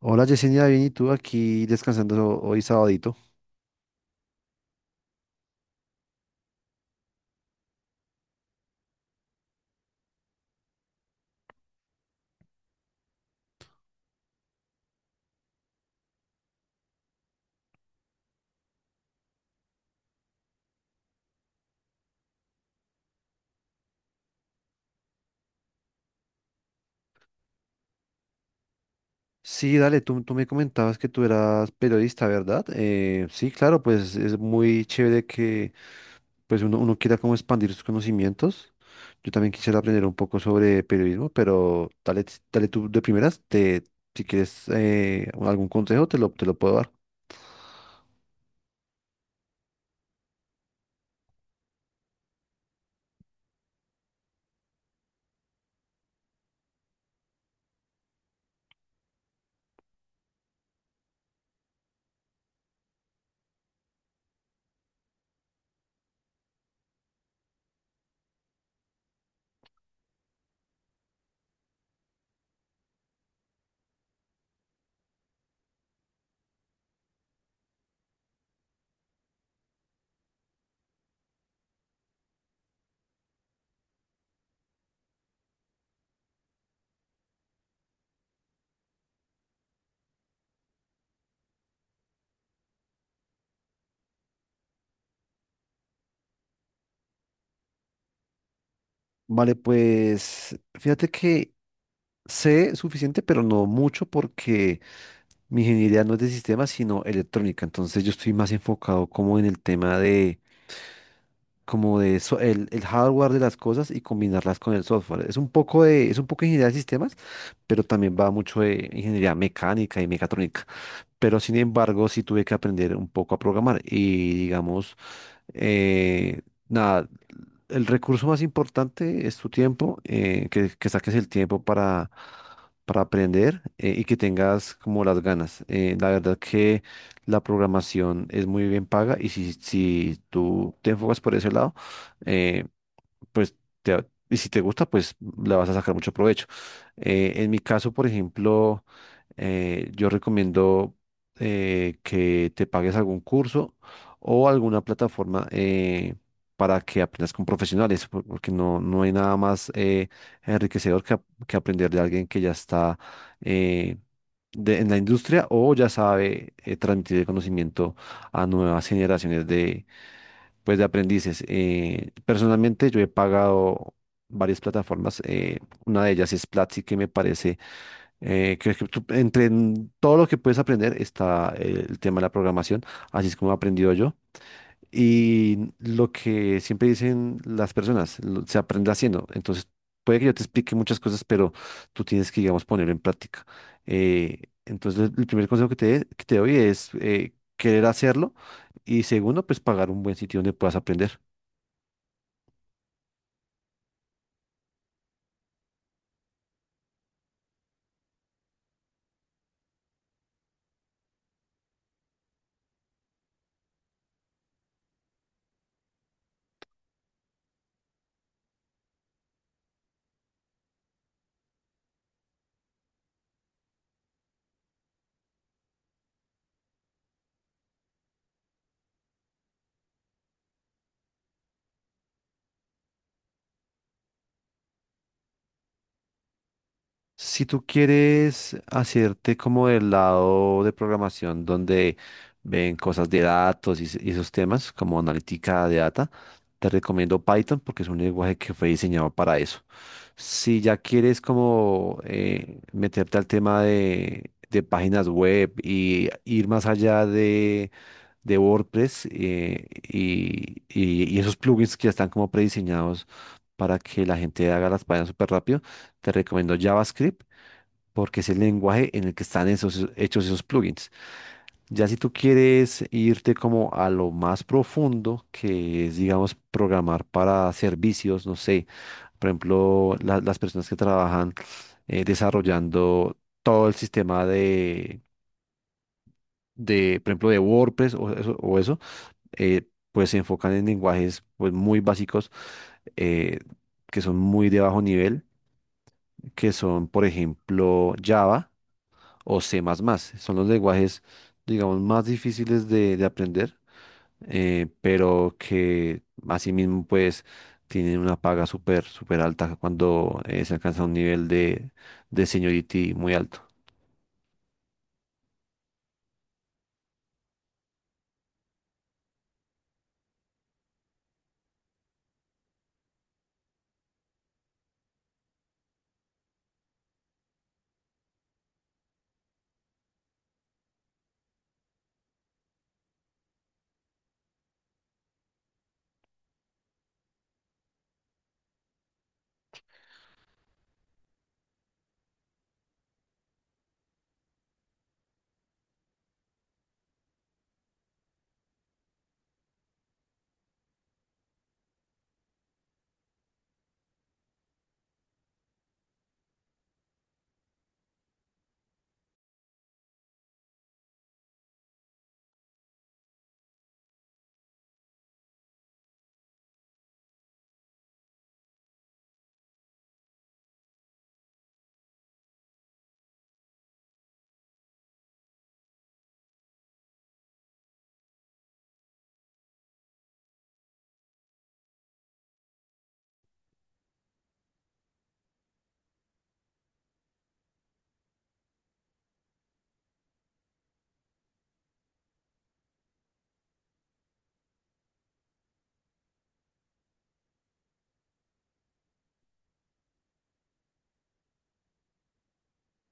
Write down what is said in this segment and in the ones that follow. Hola Yesenia, bien, ¿y tú aquí descansando hoy sabadito? Sí, dale, tú me comentabas que tú eras periodista, ¿verdad? Sí, claro, pues es muy chévere que pues uno quiera como expandir sus conocimientos. Yo también quisiera aprender un poco sobre periodismo, pero dale, dale tú de primeras, si quieres algún consejo, te lo puedo dar. Vale, pues fíjate que sé suficiente, pero no mucho porque. Mi ingeniería no es de sistemas, sino electrónica. Entonces yo estoy más enfocado como en el tema de, como de el hardware de las cosas y combinarlas con el software. Es un poco de ingeniería de sistemas, pero también va mucho de ingeniería mecánica y mecatrónica. Pero sin embargo, sí tuve que aprender un poco a programar. Y digamos, eh, nada, el recurso más importante es tu tiempo, que saques el tiempo para aprender y que tengas como las ganas. La verdad que la programación es muy bien paga y si tú te enfocas por ese lado, eh, pues, y si te gusta, pues le vas a sacar mucho provecho. En mi caso, por ejemplo, yo recomiendo que te pagues algún curso o alguna plataforma para que aprendas con profesionales, porque no hay nada más enriquecedor que aprender de alguien que ya está eh, en la industria o ya sabe transmitir el conocimiento a nuevas generaciones pues de aprendices. Personalmente yo he pagado varias plataformas. Una de ellas es Platzi, que me parece entre en todo lo que puedes aprender está el tema de la programación, así es como he aprendido yo. Y lo que siempre dicen las personas, se aprende haciendo. Entonces, puede que yo te explique muchas cosas, pero tú tienes que, digamos, ponerlo en práctica. Entonces, el primer consejo que te doy es querer hacerlo y segundo, pues pagar un buen sitio donde puedas aprender. Si tú quieres hacerte como del lado de programación donde ven cosas de datos y esos temas como analítica de data, te recomiendo Python porque es un lenguaje que fue diseñado para eso. Si ya quieres como meterte al tema de páginas web y ir más allá de WordPress y esos plugins que ya están como prediseñados para que la gente haga las páginas súper rápido, te recomiendo JavaScript porque es el lenguaje en el que están esos, hechos esos plugins. Ya si tú quieres irte como a lo más profundo, que es, digamos, programar para servicios, no sé, por ejemplo, las personas que trabajan desarrollando todo el sistema de, por ejemplo, de WordPress o eso, pues se enfocan en lenguajes pues, muy básicos eh, que son muy de bajo nivel, que son, por ejemplo, Java o C++. Son los lenguajes, digamos, más difíciles de aprender, pero que asimismo, pues, tienen una paga súper, súper alta cuando se alcanza un nivel de seniority muy alto.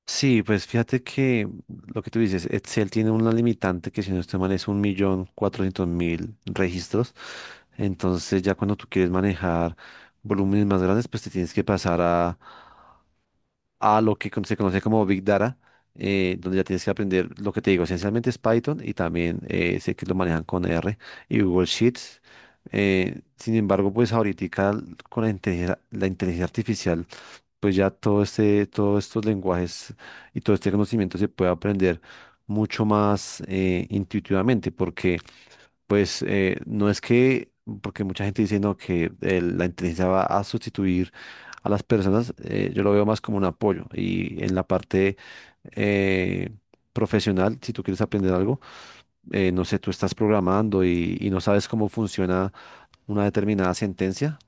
Sí, pues fíjate que lo que tú dices, Excel tiene una limitante que si no estoy mal es 1.400.000 registros. Entonces ya cuando tú quieres manejar volúmenes más grandes, pues te tienes que pasar a lo que se conoce como Big Data, donde ya tienes que aprender lo que te digo, esencialmente es Python y también sé que lo manejan con R y Google Sheets. Sin embargo, pues ahorita con la inteligencia artificial, pues ya todo este, todos estos lenguajes y todo este conocimiento se puede aprender mucho más intuitivamente, porque pues no es que, porque mucha gente dice no, que la inteligencia va a sustituir a las personas, yo lo veo más como un apoyo. Y en la parte eh, profesional, si tú quieres aprender algo, no sé, tú estás programando y no sabes cómo funciona una determinada sentencia,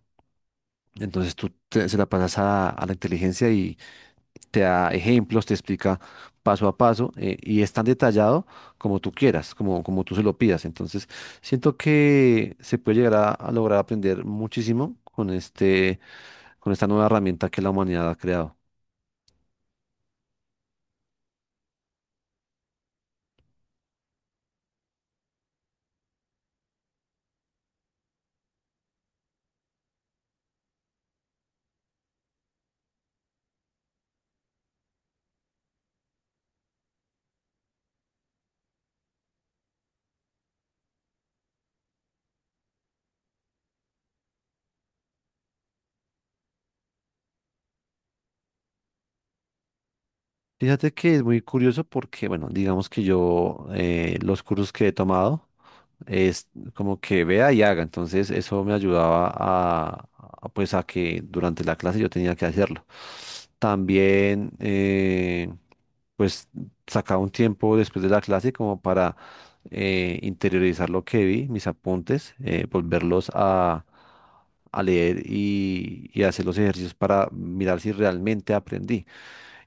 entonces tú se la pasas a la inteligencia y te da ejemplos, te explica paso a paso y es tan detallado como tú quieras, como tú se lo pidas. Entonces siento que se puede llegar a lograr aprender muchísimo con este, con esta nueva herramienta que la humanidad ha creado. Fíjate que es muy curioso porque, bueno, digamos que yo los cursos que he tomado es como que vea y haga. Entonces eso me ayudaba a, pues a que durante la clase yo tenía que hacerlo. También pues sacaba un tiempo después de la clase como para interiorizar lo que vi, mis apuntes, volverlos a leer y hacer los ejercicios para mirar si realmente aprendí.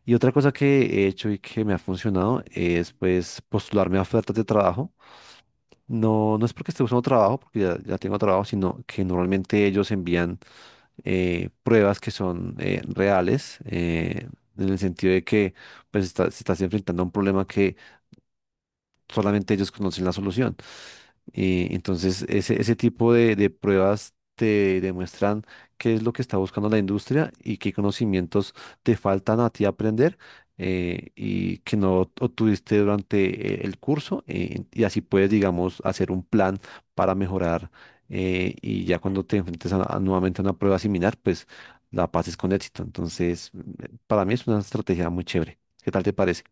Y otra cosa que he hecho y que me ha funcionado es pues postularme a ofertas de trabajo no, no es porque esté buscando trabajo, porque ya tengo trabajo, sino que normalmente ellos envían pruebas que son reales, en el sentido de que pues, se estás enfrentando a un problema solamente ellos conocen la solución. Entonces, ese tipo de pruebas te demuestran qué es lo que está buscando la industria y qué conocimientos te faltan a ti aprender y que no obtuviste durante el curso y así puedes, digamos, hacer un plan para mejorar y ya cuando te enfrentes a nuevamente a una prueba similar, pues la pases con éxito. Entonces, para mí es una estrategia muy chévere. ¿Qué tal te parece?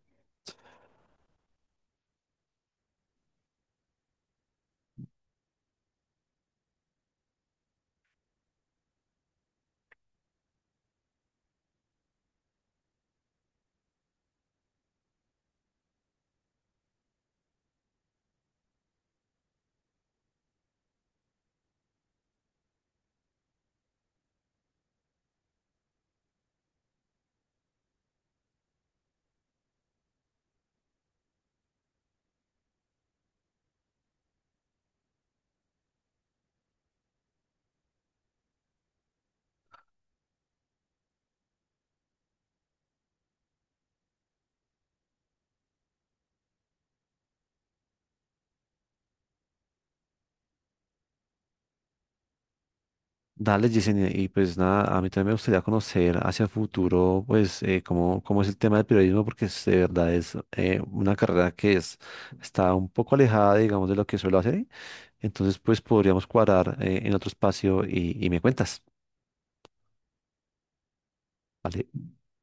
Dale, Yesenia, y pues nada, a mí también me gustaría conocer hacia futuro, pues, cómo es el tema del periodismo, porque de verdad es una carrera que es, está un poco alejada, digamos, de lo que suelo hacer. Entonces, pues, podríamos cuadrar en otro espacio y me cuentas, ¿vale?